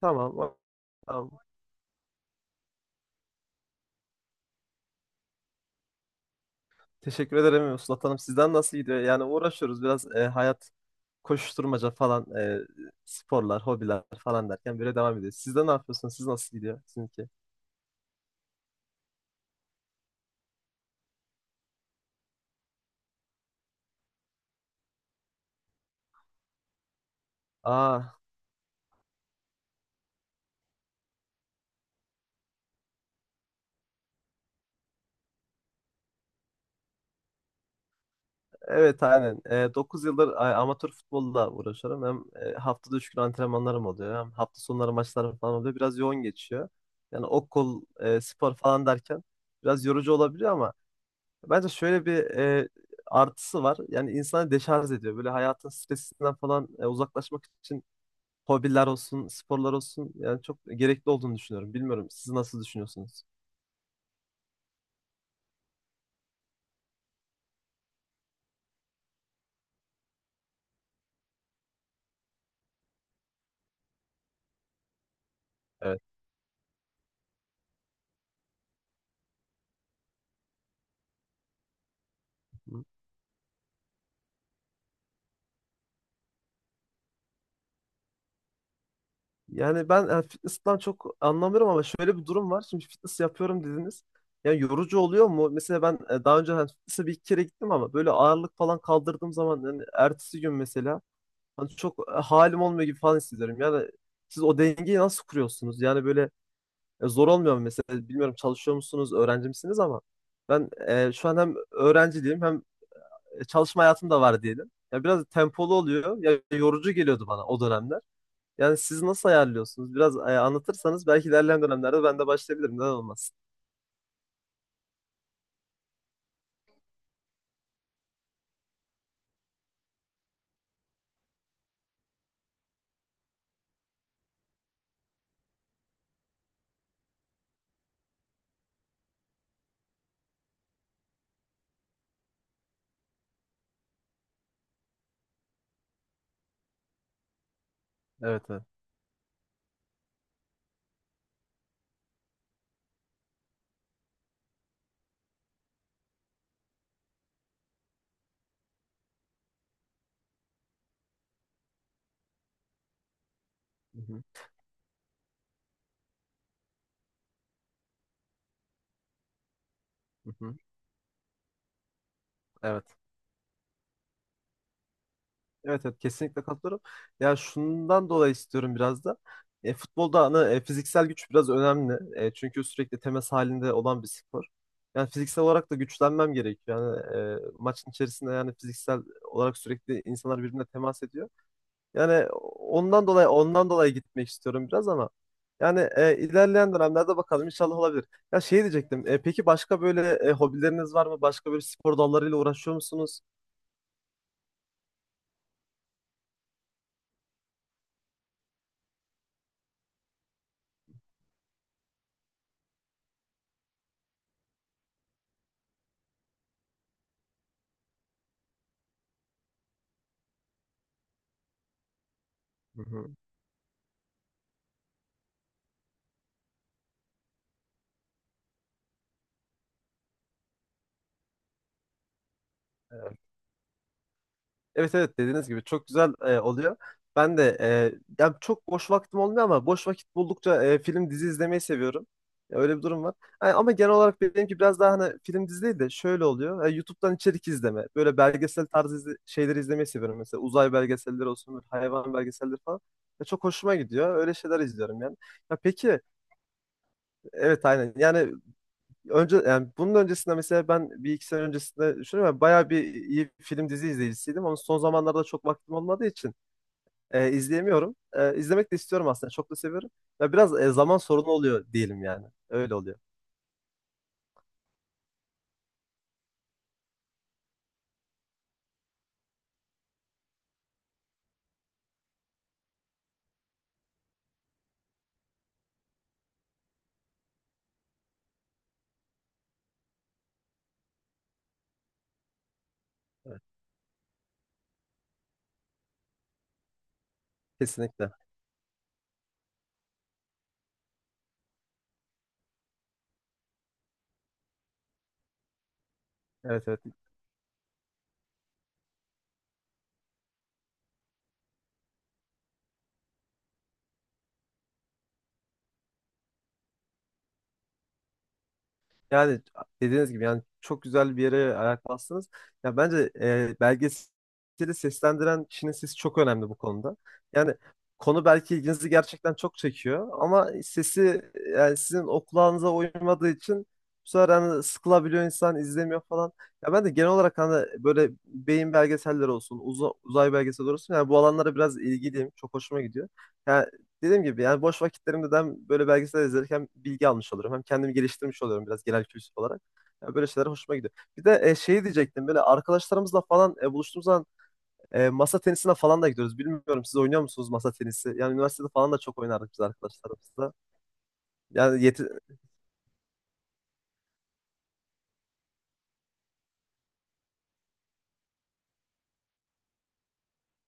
Tamam. Tamam. Teşekkür ederim Mustafa Hanım. Sizden nasıl gidiyor? Yani uğraşıyoruz biraz hayat koşuşturmaca falan, sporlar, hobiler falan derken böyle devam ediyor. Siz de ne yapıyorsunuz? Siz nasıl gidiyor sizinki? Aa, evet aynen. 9 yıldır amatör futbolla uğraşıyorum. Hem haftada 3 gün antrenmanlarım oluyor. Hem hafta sonları maçlarım falan oluyor. Biraz yoğun geçiyor. Yani okul, spor falan derken biraz yorucu olabiliyor ama bence şöyle bir, artısı var. Yani insanı deşarj ediyor. Böyle hayatın stresinden falan, uzaklaşmak için hobiler olsun, sporlar olsun, yani çok gerekli olduğunu düşünüyorum. Bilmiyorum siz nasıl düşünüyorsunuz? Evet. Hı. Yani ben, fitness'tan çok anlamıyorum ama şöyle bir durum var. Şimdi fitness yapıyorum dediniz. Yani yorucu oluyor mu? Mesela ben, daha önce hani fitness'e 1 2 kere gittim ama böyle ağırlık falan kaldırdığım zaman yani ertesi gün mesela hani çok, halim olmuyor gibi falan hissediyorum. Yani siz o dengeyi nasıl kuruyorsunuz? Yani böyle, zor olmuyor mu mesela? Bilmiyorum çalışıyor musunuz, öğrenci misiniz, ama ben, şu an hem öğrenciliğim hem çalışma hayatım da var diyelim. Ya biraz tempolu oluyor. Ya yorucu geliyordu bana o dönemler. Yani siz nasıl ayarlıyorsunuz? Biraz, anlatırsanız belki ilerleyen dönemlerde ben de başlayabilirim. Neden olmasın? Evet, evet. Hı hı, hı hı. Evet. Evet evet, kesinlikle katılıyorum. Ya şundan dolayı istiyorum biraz da. Futbolda hani, fiziksel güç biraz önemli. Çünkü sürekli temas halinde olan bir spor. Yani fiziksel olarak da güçlenmem gerekiyor. Yani maçın içerisinde yani fiziksel olarak sürekli insanlar birbirine temas ediyor. Yani ondan dolayı gitmek istiyorum biraz ama yani, ilerleyen dönemlerde bakalım, inşallah olabilir. Ya şey diyecektim. Peki başka böyle, hobileriniz var mı? Başka böyle spor dallarıyla uğraşıyor musunuz? Hı hı. Evet evet, dediğiniz gibi çok güzel, oluyor. Ben de, yani çok boş vaktim olmuyor ama boş vakit buldukça, film dizi izlemeyi seviyorum. Öyle bir durum var. Yani ama genel olarak benimki biraz daha hani film dizi değil de şöyle oluyor. YouTube'dan içerik izleme. Böyle belgesel tarzı şeyleri izlemeyi seviyorum. Mesela uzay belgeselleri olsun, böyle hayvan belgeselleri falan. Çok hoşuma gidiyor. Öyle şeyler izliyorum yani. Ya peki, evet aynen. Yani önce, yani bunun öncesinde mesela ben 1 2 sene öncesinde düşünüyorum. Ya, bayağı bir iyi film dizi izleyicisiydim. Ama son zamanlarda çok vaktim olmadığı için, izleyemiyorum. İzlemek de istiyorum aslında. Çok da seviyorum. Ya biraz, zaman sorunu oluyor diyelim yani. Öyle oluyor. Kesinlikle. Evet evet. Yani dediğiniz gibi yani çok güzel bir yere ayak bastınız. Ya bence, belgeseli seslendiren kişinin sesi çok önemli bu konuda. Yani konu belki ilginizi gerçekten çok çekiyor ama sesi, yani sizin o kulağınıza uymadığı için bu sefer hani sıkılabiliyor insan, izlemiyor falan. Ya ben de genel olarak hani böyle beyin belgeselleri olsun, uzay belgeselleri olsun, yani bu alanlara biraz ilgiliyim. Çok hoşuma gidiyor. Yani dediğim gibi yani boş vakitlerimde de hem böyle belgesel izlerken hem bilgi almış oluyorum. Hem kendimi geliştirmiş oluyorum biraz, genel kültür olarak. Yani böyle şeyler hoşuma gidiyor. Bir de, şey diyecektim, böyle arkadaşlarımızla falan, buluştuğumuz zaman, masa tenisine falan da gidiyoruz. Bilmiyorum siz oynuyor musunuz masa tenisi? Yani üniversitede falan da çok oynardık biz arkadaşlarımızla. Yani yeti...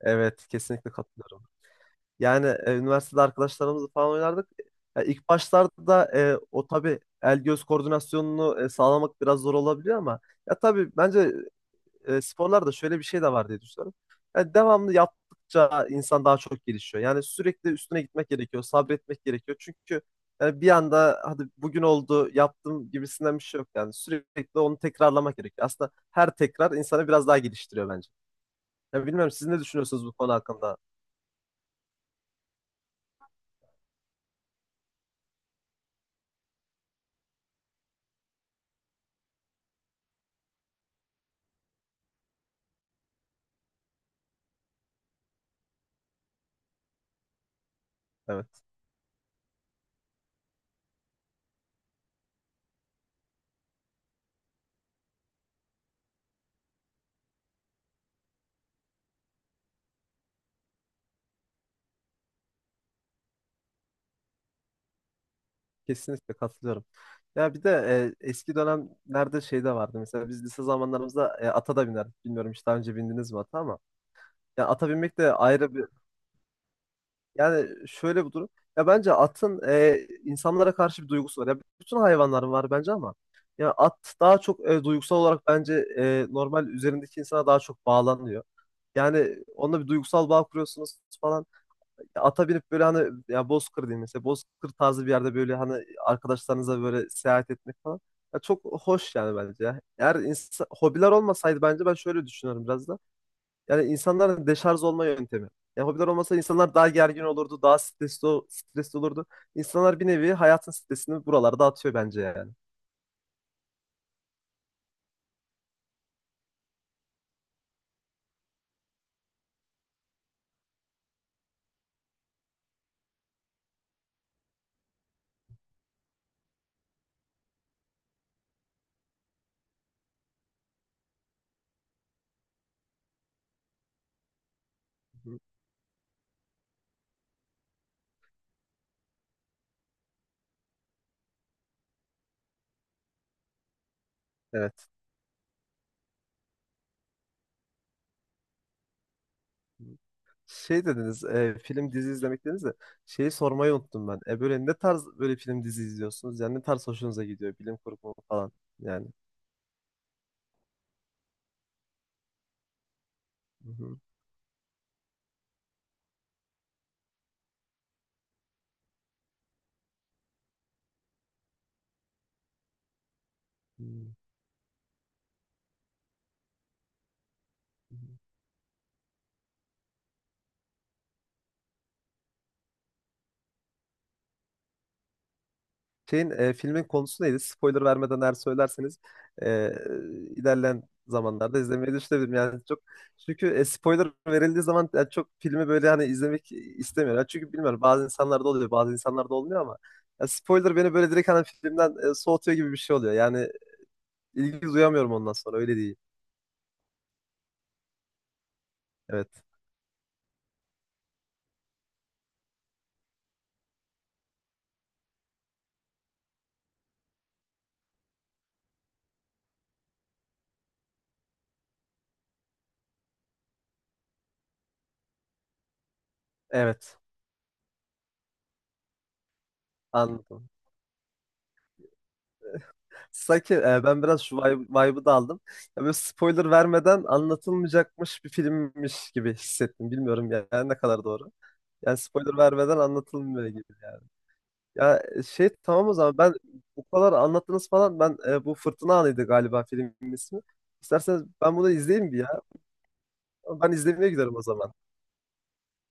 Evet, kesinlikle katılıyorum. Yani, üniversitede arkadaşlarımızla falan oynardık. Ya ilk başlarda, o tabii el göz koordinasyonunu, sağlamak biraz zor olabiliyor ama ya tabii bence, sporlarda şöyle bir şey de var diye düşünüyorum. Yani devamlı yaptıkça insan daha çok gelişiyor. Yani sürekli üstüne gitmek gerekiyor, sabretmek gerekiyor. Çünkü yani bir anda hadi bugün oldu yaptım gibisinden bir şey yok. Yani sürekli onu tekrarlamak gerekiyor. Aslında her tekrar insanı biraz daha geliştiriyor bence. Ya bilmiyorum siz ne düşünüyorsunuz bu konu hakkında? Evet, kesinlikle katılıyorum. Ya bir de, eski dönemlerde şey de vardı. Mesela biz lise zamanlarımızda, ata da binerdik. Bilmiyorum hiç daha önce bindiniz mi ata, ama ya ata binmek de ayrı bir, yani şöyle bir durum. Ya bence atın, insanlara karşı bir duygusu var. Ya bütün hayvanların var bence ama ya at daha çok, duygusal olarak bence, normal üzerindeki insana daha çok bağlanıyor. Yani onunla bir duygusal bağ kuruyorsunuz falan. Ya ata binip böyle hani ya Bozkır diyeyim mesela, Bozkır tarzı bir yerde böyle hani arkadaşlarınıza böyle seyahat etmek falan. Ya çok hoş yani bence ya. Eğer insan, hobiler olmasaydı bence ben şöyle düşünüyorum biraz da. Yani insanların deşarj olma yöntemi. Yani hobiler olmasa insanlar daha gergin olurdu, daha stresli, stresli olurdu. İnsanlar bir nevi hayatın stresini buralarda atıyor bence yani. Hı, evet. Şey dediniz, film dizi izlemek dediniz de şeyi sormayı unuttum ben. Böyle ne tarz böyle film dizi izliyorsunuz? Yani ne tarz hoşunuza gidiyor? Bilim kurgu falan yani. Hı hı. Hı. Şeyin, filmin konusu neydi? Spoiler vermeden eğer söylerseniz, e, ilerleyen zamanlarda izlemeyi düşünebilirim. Yani çok, çünkü, spoiler verildiği zaman yani çok filmi böyle hani izlemek istemiyorum. Yani çünkü bilmiyorum, bazı insanlarda oluyor, bazı insanlarda olmuyor ama ya spoiler beni böyle direkt hani filmden, soğutuyor gibi bir şey oluyor. Yani ilgi duyamıyorum ondan sonra, öyle değil. Evet. Evet. Anladım. Sanki, ben biraz şu vibe'ı da aldım. Ya böyle spoiler vermeden anlatılmayacakmış bir filmmiş gibi hissettim. Bilmiyorum yani ne kadar doğru. Yani spoiler vermeden anlatılmıyor gibi yani. Ya, şey tamam o zaman, ben bu kadar anlattınız falan, ben, bu Fırtına Anıydı galiba filmin ismi. İsterseniz ben bunu izleyeyim bir ya. Ben izlemeye giderim o zaman.